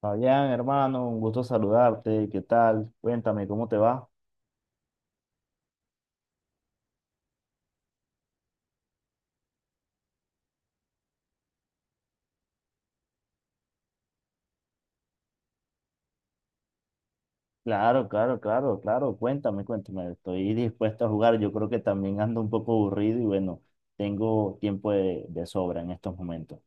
Fabián, hermano, un gusto saludarte. ¿Qué tal? Cuéntame, ¿cómo te va? Claro, claro, claro, claro. Cuéntame, cuéntame. Estoy dispuesto a jugar. Yo creo que también ando un poco aburrido y bueno, tengo tiempo de sobra en estos momentos.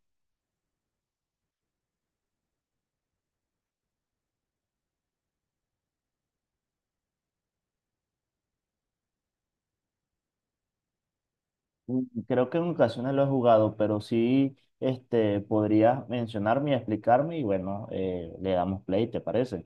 Mm. Creo que en ocasiones lo he jugado, pero sí, podrías mencionarme y explicarme y bueno, le damos play, ¿te parece?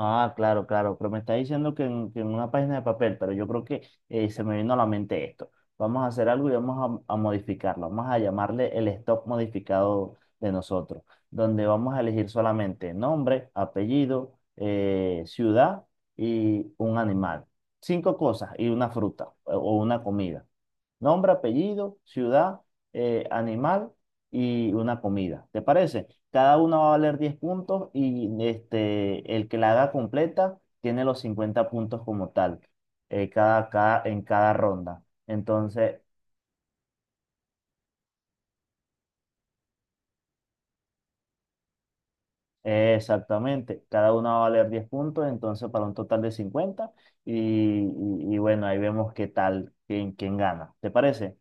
Ah, claro, claro, pero me está diciendo que en una página de papel, pero yo creo que se me vino a la mente esto. Vamos a hacer algo y vamos a modificarlo. Vamos a llamarle el stock modificado de nosotros, donde vamos a elegir solamente nombre, apellido, ciudad y un animal. Cinco cosas y una fruta o una comida. Nombre, apellido, ciudad, animal y una comida. ¿Te parece? Cada uno va a valer 10 puntos y el que la haga completa tiene los 50 puntos como tal, en cada ronda. Entonces, exactamente, cada uno va a valer 10 puntos, entonces para un total de 50 y bueno, ahí vemos qué tal, quién gana. ¿Te parece?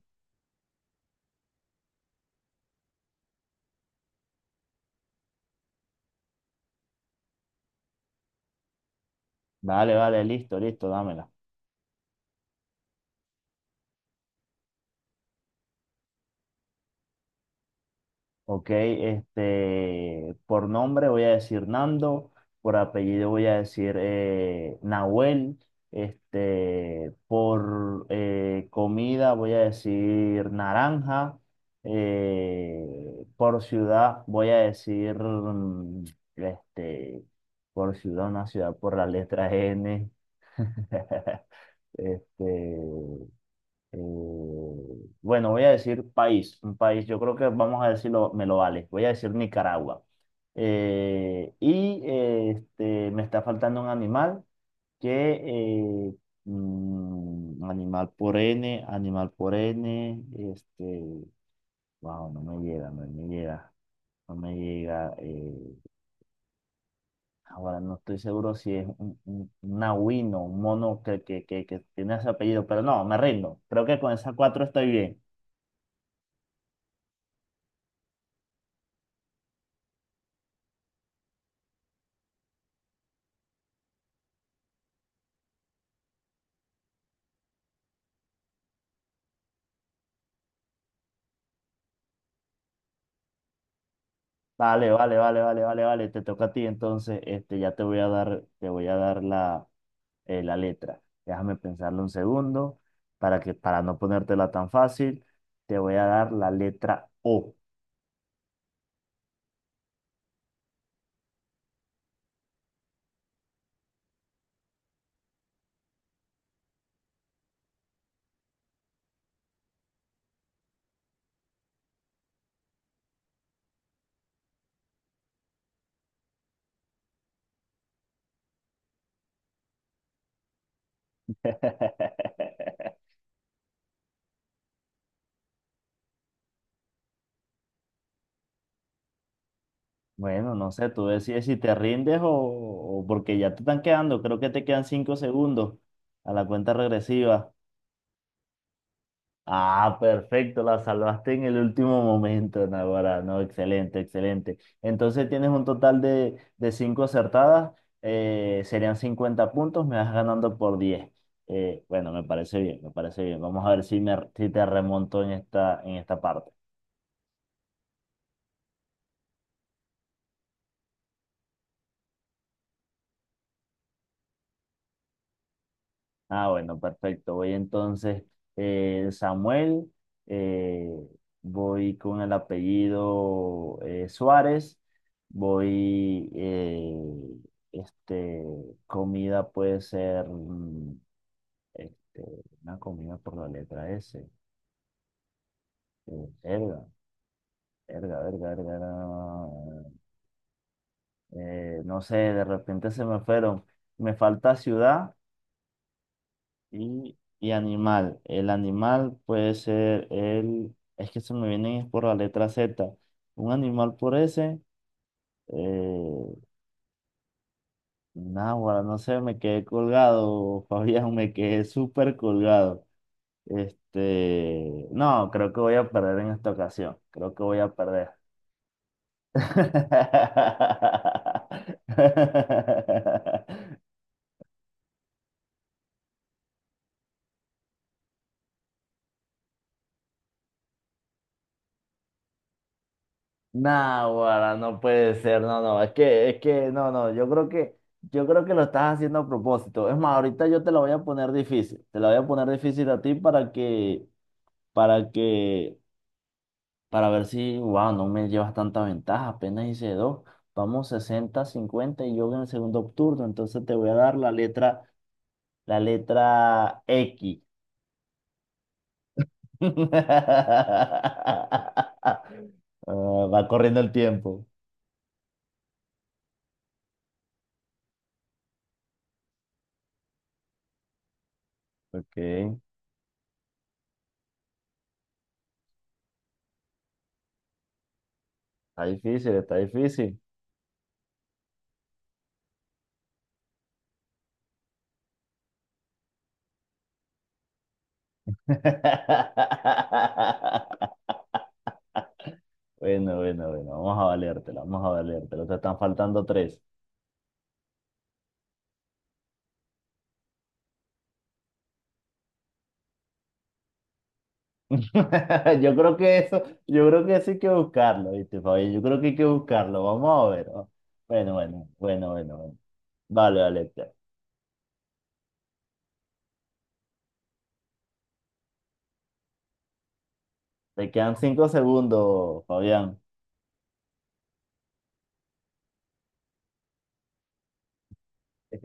Vale, vale, listo, listo, dámela. Ok, por nombre voy a decir Nando, por apellido voy a decir Nahuel, por comida voy a decir Naranja, por ciudad voy a decir, este, por ciudad, una ciudad por la letra N. este, eh, bueno, voy a decir país, un país, yo creo que vamos a decirlo, me lo vale. Voy a decir Nicaragua. Y me está faltando un animal que, eh, animal por N, wow, no me llega, no me llega, no me llega. Ahora no estoy seguro si es un nahuino, un mono que tiene ese apellido, pero no, me rindo. Creo que con esas cuatro estoy bien. Vale, vale, vale, vale, vale, vale. Te toca a ti entonces. Te voy a dar la letra. Déjame pensarlo un segundo para no ponértela tan fácil, te voy a dar la letra O. Bueno, no sé, tú decides si te rindes o porque ya te están quedando. Creo que te quedan 5 segundos a la cuenta regresiva. Ah, perfecto, la salvaste en el último momento, Naguará. No, excelente, excelente. Entonces tienes un total de cinco acertadas, serían 50 puntos, me vas ganando por 10. Bueno, me parece bien, me parece bien. Vamos a ver si te remonto en esta parte. Ah, bueno, perfecto. Voy entonces, Samuel, eh, voy con el apellido Suárez, voy, este, comida puede ser, mm, este, una comida por la letra S. Verga, verga, verga, verga, verga. No sé, de repente se me fueron. Me falta ciudad y animal. El animal puede ser. Es que se me vienen es por la letra Z. Un animal por ese. Eh, Náguara, no sé, me quedé colgado. Fabián, me quedé súper colgado. No, creo que voy a perder en esta ocasión. Creo que voy a perder. Nah, no puede ser, no, no, es que, no, no, yo creo que lo estás haciendo a propósito. Es más, ahorita yo te la voy a poner difícil, te la voy a poner difícil a ti para que, para ver si, wow, no me llevas tanta ventaja, apenas hice dos, vamos 60, 50 y yo en el segundo turno, entonces te voy a dar la letra X. Ah, va corriendo el tiempo. Ok, está difícil, está difícil. Bueno, bueno, bueno, vamos a valértela, vamos a valértela. Te están faltando tres. Yo creo que eso hay que buscarlo, ¿viste, Fabi? Yo creo que hay que buscarlo, vamos a ver, ¿no? Bueno, bueno, bueno, bueno, bueno. Vale, vale. Te quedan 5 segundos, Fabián.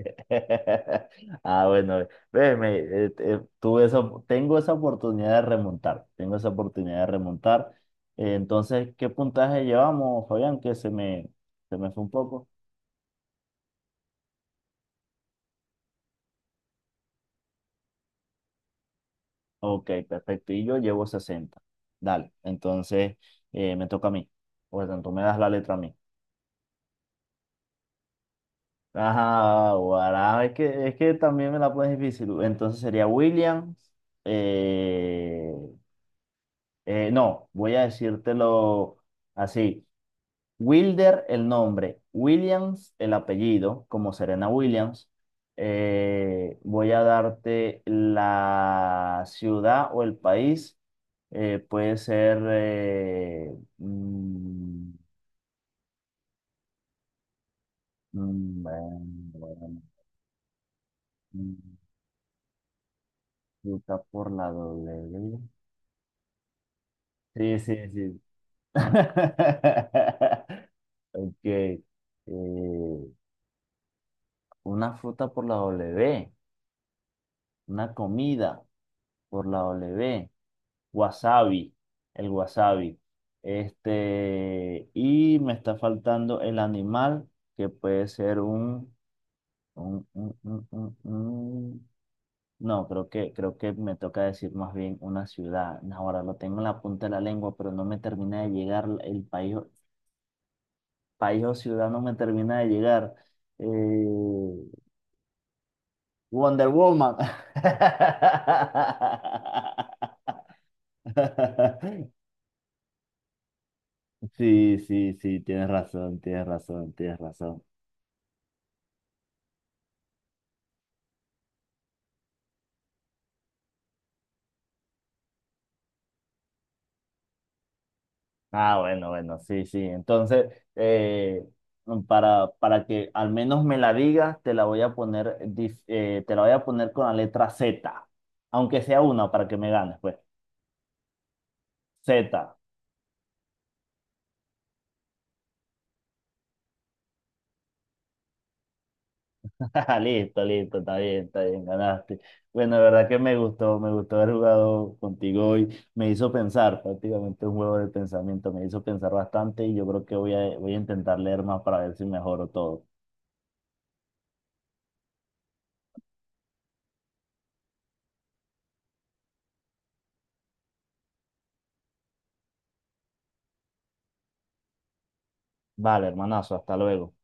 Ah, bueno, ve, me, tuve esa, op- tengo esa oportunidad de remontar, tengo esa oportunidad de remontar. Entonces, ¿qué puntaje llevamos, Fabián? Que se me fue un poco. Ok, perfecto. Y yo llevo 60. Dale, entonces me toca a mí. Por tanto, me das la letra a mí. Ajá, guará, es que también me la pones difícil. Entonces sería Williams. eh, no, voy a decírtelo así. Wilder el nombre, Williams el apellido, como Serena Williams. Voy a darte la ciudad o el país. Puede ser... mm, bueno, bueno, mm, Utah por la W. Sí, sí, sí. Ok. Una fruta por la W. Una comida por la W. Wasabi, el wasabi. Y me está faltando el animal, que puede ser un, un- un- un- un- No, creo que me toca decir más bien una ciudad. No, ahora lo tengo en la punta de la lengua, pero no me termina de llegar el país, país o ciudad, no me termina de llegar. Eh, Wonder Woman. Sí, sí, sí, tienes razón, tienes razón, tienes razón. Ah, bueno, bueno, sí, sí. Entonces, eh, para que al menos me la digas, te la voy a poner con la letra Z, aunque sea una para que me ganes, pues. Z. Listo, listo, está bien, ganaste. Bueno, de verdad que me gustó haber jugado contigo hoy. Me hizo pensar, prácticamente un juego de pensamiento, me hizo pensar bastante y yo creo que voy a intentar leer más para ver si mejoro todo. Vale, hermanazo, hasta luego.